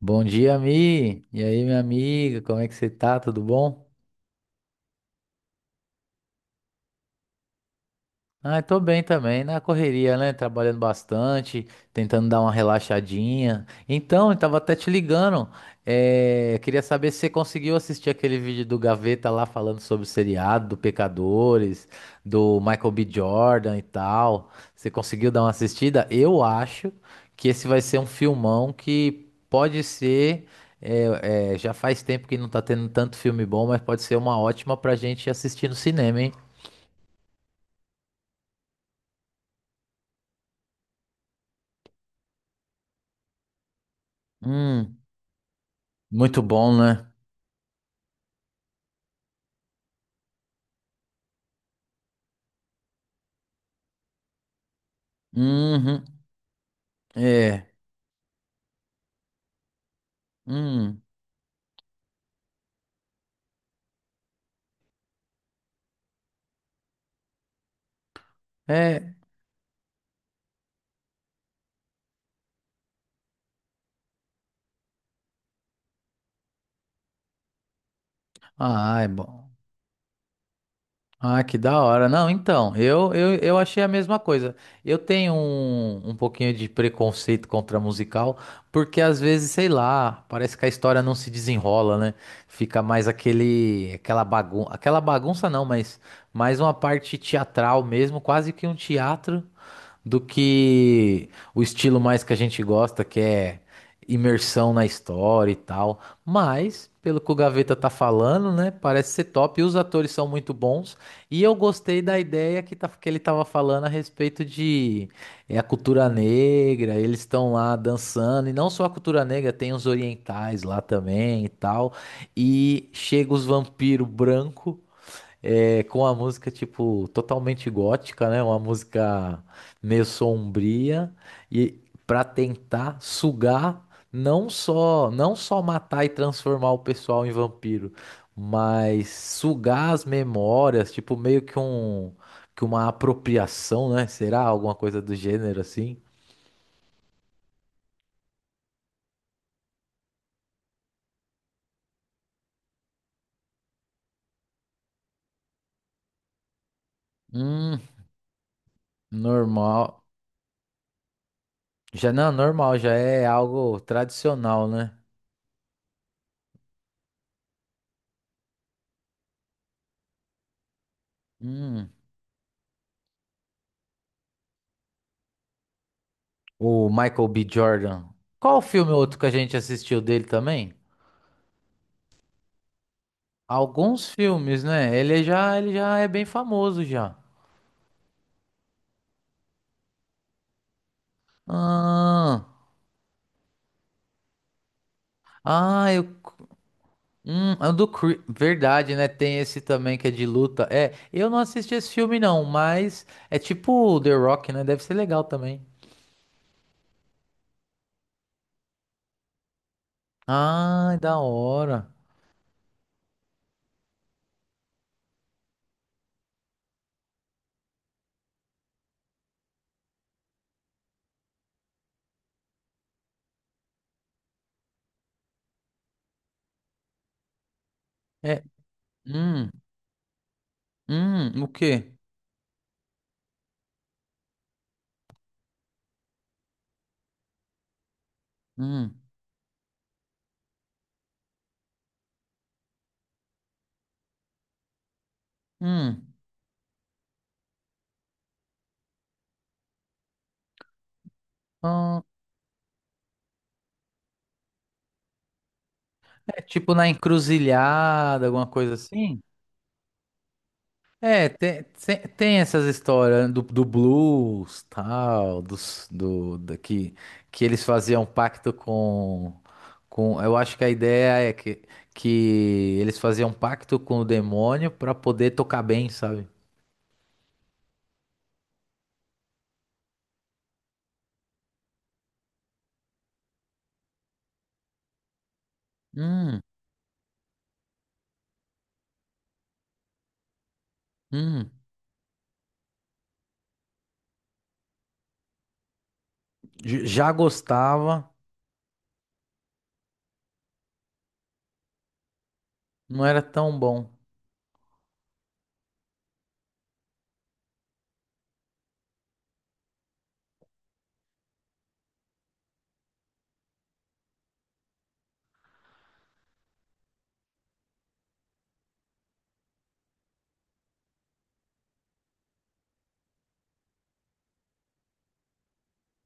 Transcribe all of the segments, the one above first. Bom dia, Mi. E aí, minha amiga, como é que você tá? Tudo bom? Ah, tô bem também, na correria, né? Trabalhando bastante, tentando dar uma relaxadinha. Então, eu tava até te ligando. Queria saber se você conseguiu assistir aquele vídeo do Gaveta lá falando sobre o seriado, do Pecadores, do Michael B. Jordan e tal. Você conseguiu dar uma assistida? Eu acho que esse vai ser um filmão que pode ser. Já faz tempo que não tá tendo tanto filme bom, mas pode ser uma ótima pra gente assistir no cinema, hein? Hum, muito bom, né? Uhum. É. Hum. É. Ah, é bom. Ah, que da hora. Não, então, eu achei a mesma coisa. Eu tenho um pouquinho de preconceito contra musical, porque às vezes, sei lá, parece que a história não se desenrola, né? Fica mais aquela bagunça não, mas mais uma parte teatral mesmo, quase que um teatro, do que o estilo mais que a gente gosta, que é imersão na história e tal. Mas, pelo que o Gaveta tá falando, né? Parece ser top. E os atores são muito bons. E eu gostei da ideia que, tá, que ele tava falando a respeito de a cultura negra. Eles estão lá dançando. E não só a cultura negra, tem os orientais lá também e tal. E chega os vampiros branco é, com a música, tipo, totalmente gótica, né? Uma música meio sombria e para tentar sugar não só matar e transformar o pessoal em vampiro, mas sugar as memórias, tipo, meio que uma apropriação, né? Será alguma coisa do gênero assim? Hum, normal. Já não, normal, já é algo tradicional, né? Hum. O Michael B. Jordan. Qual filme outro que a gente assistiu dele também? Alguns filmes, né? Ele já é bem famoso já. Ah, ah, eu, é o do Creed, verdade, né? Tem esse também que é de luta. É, eu não assisti esse filme não, mas é tipo The Rock, né? Deve ser legal também. Ah, da hora. É, hum, o quê? Hum, hum. ah, É tipo na encruzilhada, alguma coisa assim? É, tem essas histórias né, do blues, tal, dos, do, da, que eles faziam um pacto com. Eu acho que a ideia é que eles faziam um pacto com o demônio pra poder tocar bem, sabe? Hum, hum. Já gostava, não era tão bom.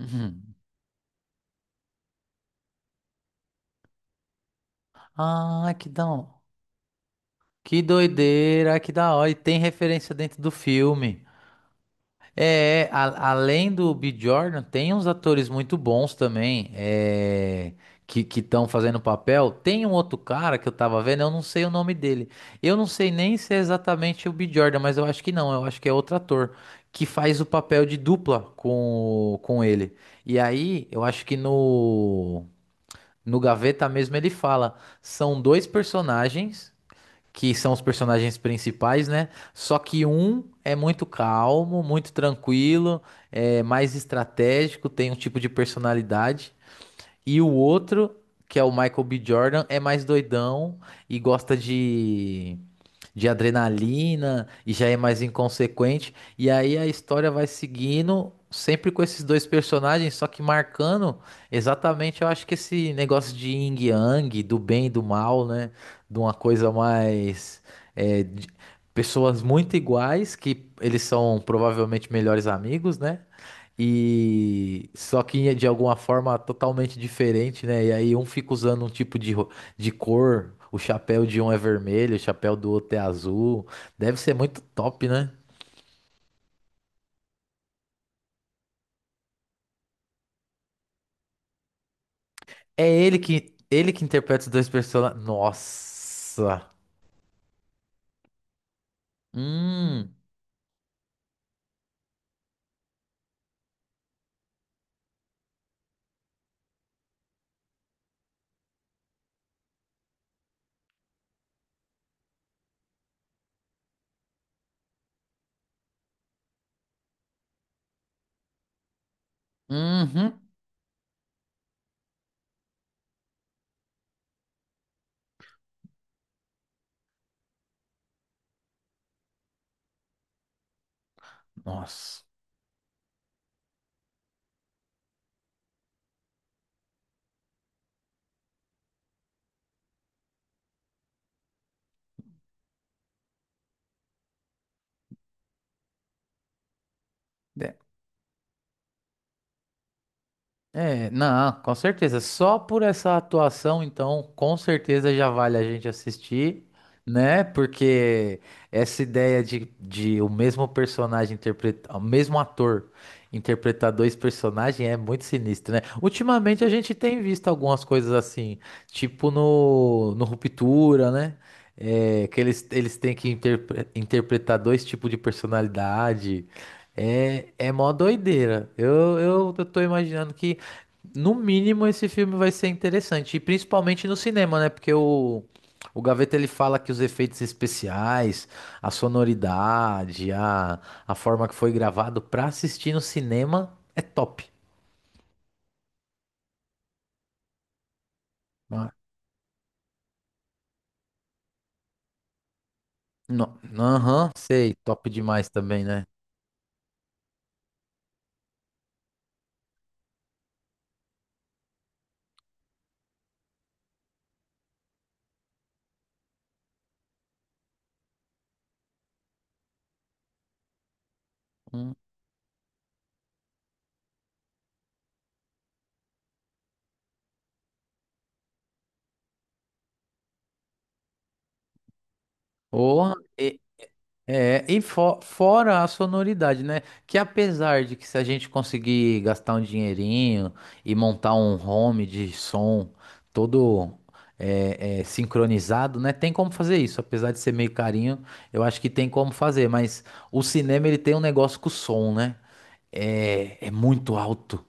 Uhum. Ah, que da, hora. Que doideira, que da hora. E tem referência dentro do filme. É, além do B. Jordan, tem uns atores muito bons também, é, que estão fazendo papel. Tem um outro cara que eu tava vendo, eu não sei o nome dele. Eu não sei nem se é exatamente o B. Jordan, mas eu acho que não, eu acho que é outro ator que faz o papel de dupla com ele. E aí, eu acho que no Gaveta mesmo ele fala, são dois personagens que são os personagens principais, né? Só que um é muito calmo, muito tranquilo, é mais estratégico, tem um tipo de personalidade, e o outro, que é o Michael B. Jordan, é mais doidão e gosta de adrenalina e já é mais inconsequente. E aí a história vai seguindo, sempre com esses dois personagens, só que marcando exatamente, eu acho que esse negócio de yin e yang, do bem e do mal, né? De uma coisa mais. é, de- Pessoas muito iguais, que eles são provavelmente melhores amigos, né? E só que de alguma forma totalmente diferente, né? E aí um fica usando um tipo de cor, o chapéu de um é vermelho, o chapéu do outro é azul. Deve ser muito top, né? É ele que interpreta os dois personagens. Nossa. Hum. Uhum. Nossa. É, não, com certeza. Só por essa atuação, então, com certeza já vale a gente assistir, né? Porque essa ideia de o mesmo personagem interpretar, o mesmo ator interpretar dois personagens é muito sinistro, né? Ultimamente a gente tem visto algumas coisas assim, tipo no Ruptura, né? É, que eles têm que interpretar dois tipos de personalidade. É, é mó doideira. Eu tô imaginando que, no mínimo, esse filme vai ser interessante. E principalmente no cinema, né? Porque o Gaveta ele fala que os efeitos especiais, a sonoridade, a forma que foi gravado pra assistir no cinema é top. Ah, não, aham, sei, top demais também, né? Hum. Porra, é, e fora a sonoridade, né? Que apesar de que se a gente conseguir gastar um dinheirinho e montar um home de som todo sincronizado, né? Tem como fazer isso, apesar de ser meio carinho, eu acho que tem como fazer, mas o cinema ele tem um negócio com o som, né? É, é muito alto.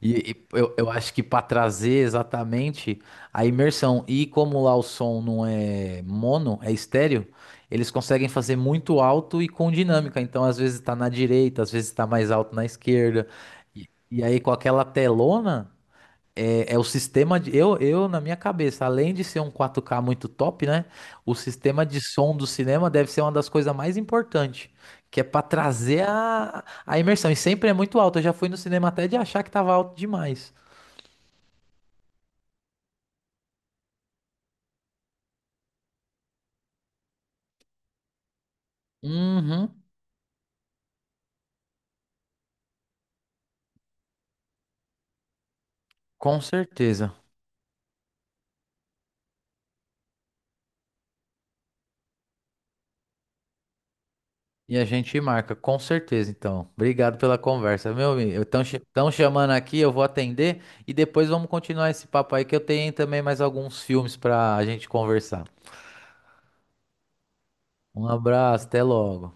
Eu acho que para trazer exatamente a imersão, e como lá o som não é mono, é estéreo, eles conseguem fazer muito alto e com dinâmica. Então, às vezes está na direita, às vezes está mais alto na esquerda. Aí, com aquela telona. É, é o sistema de. Na minha cabeça, além de ser um 4K muito top, né? O sistema de som do cinema deve ser uma das coisas mais importantes, que é pra trazer a imersão. E sempre é muito alto. Eu já fui no cinema até de achar que tava alto demais. Uhum, com certeza. E a gente marca, com certeza, então. Obrigado pela conversa, meu amigo. Estão chamando aqui, eu vou atender e depois vamos continuar esse papo aí, que eu tenho também mais alguns filmes pra gente conversar. Um abraço, até logo.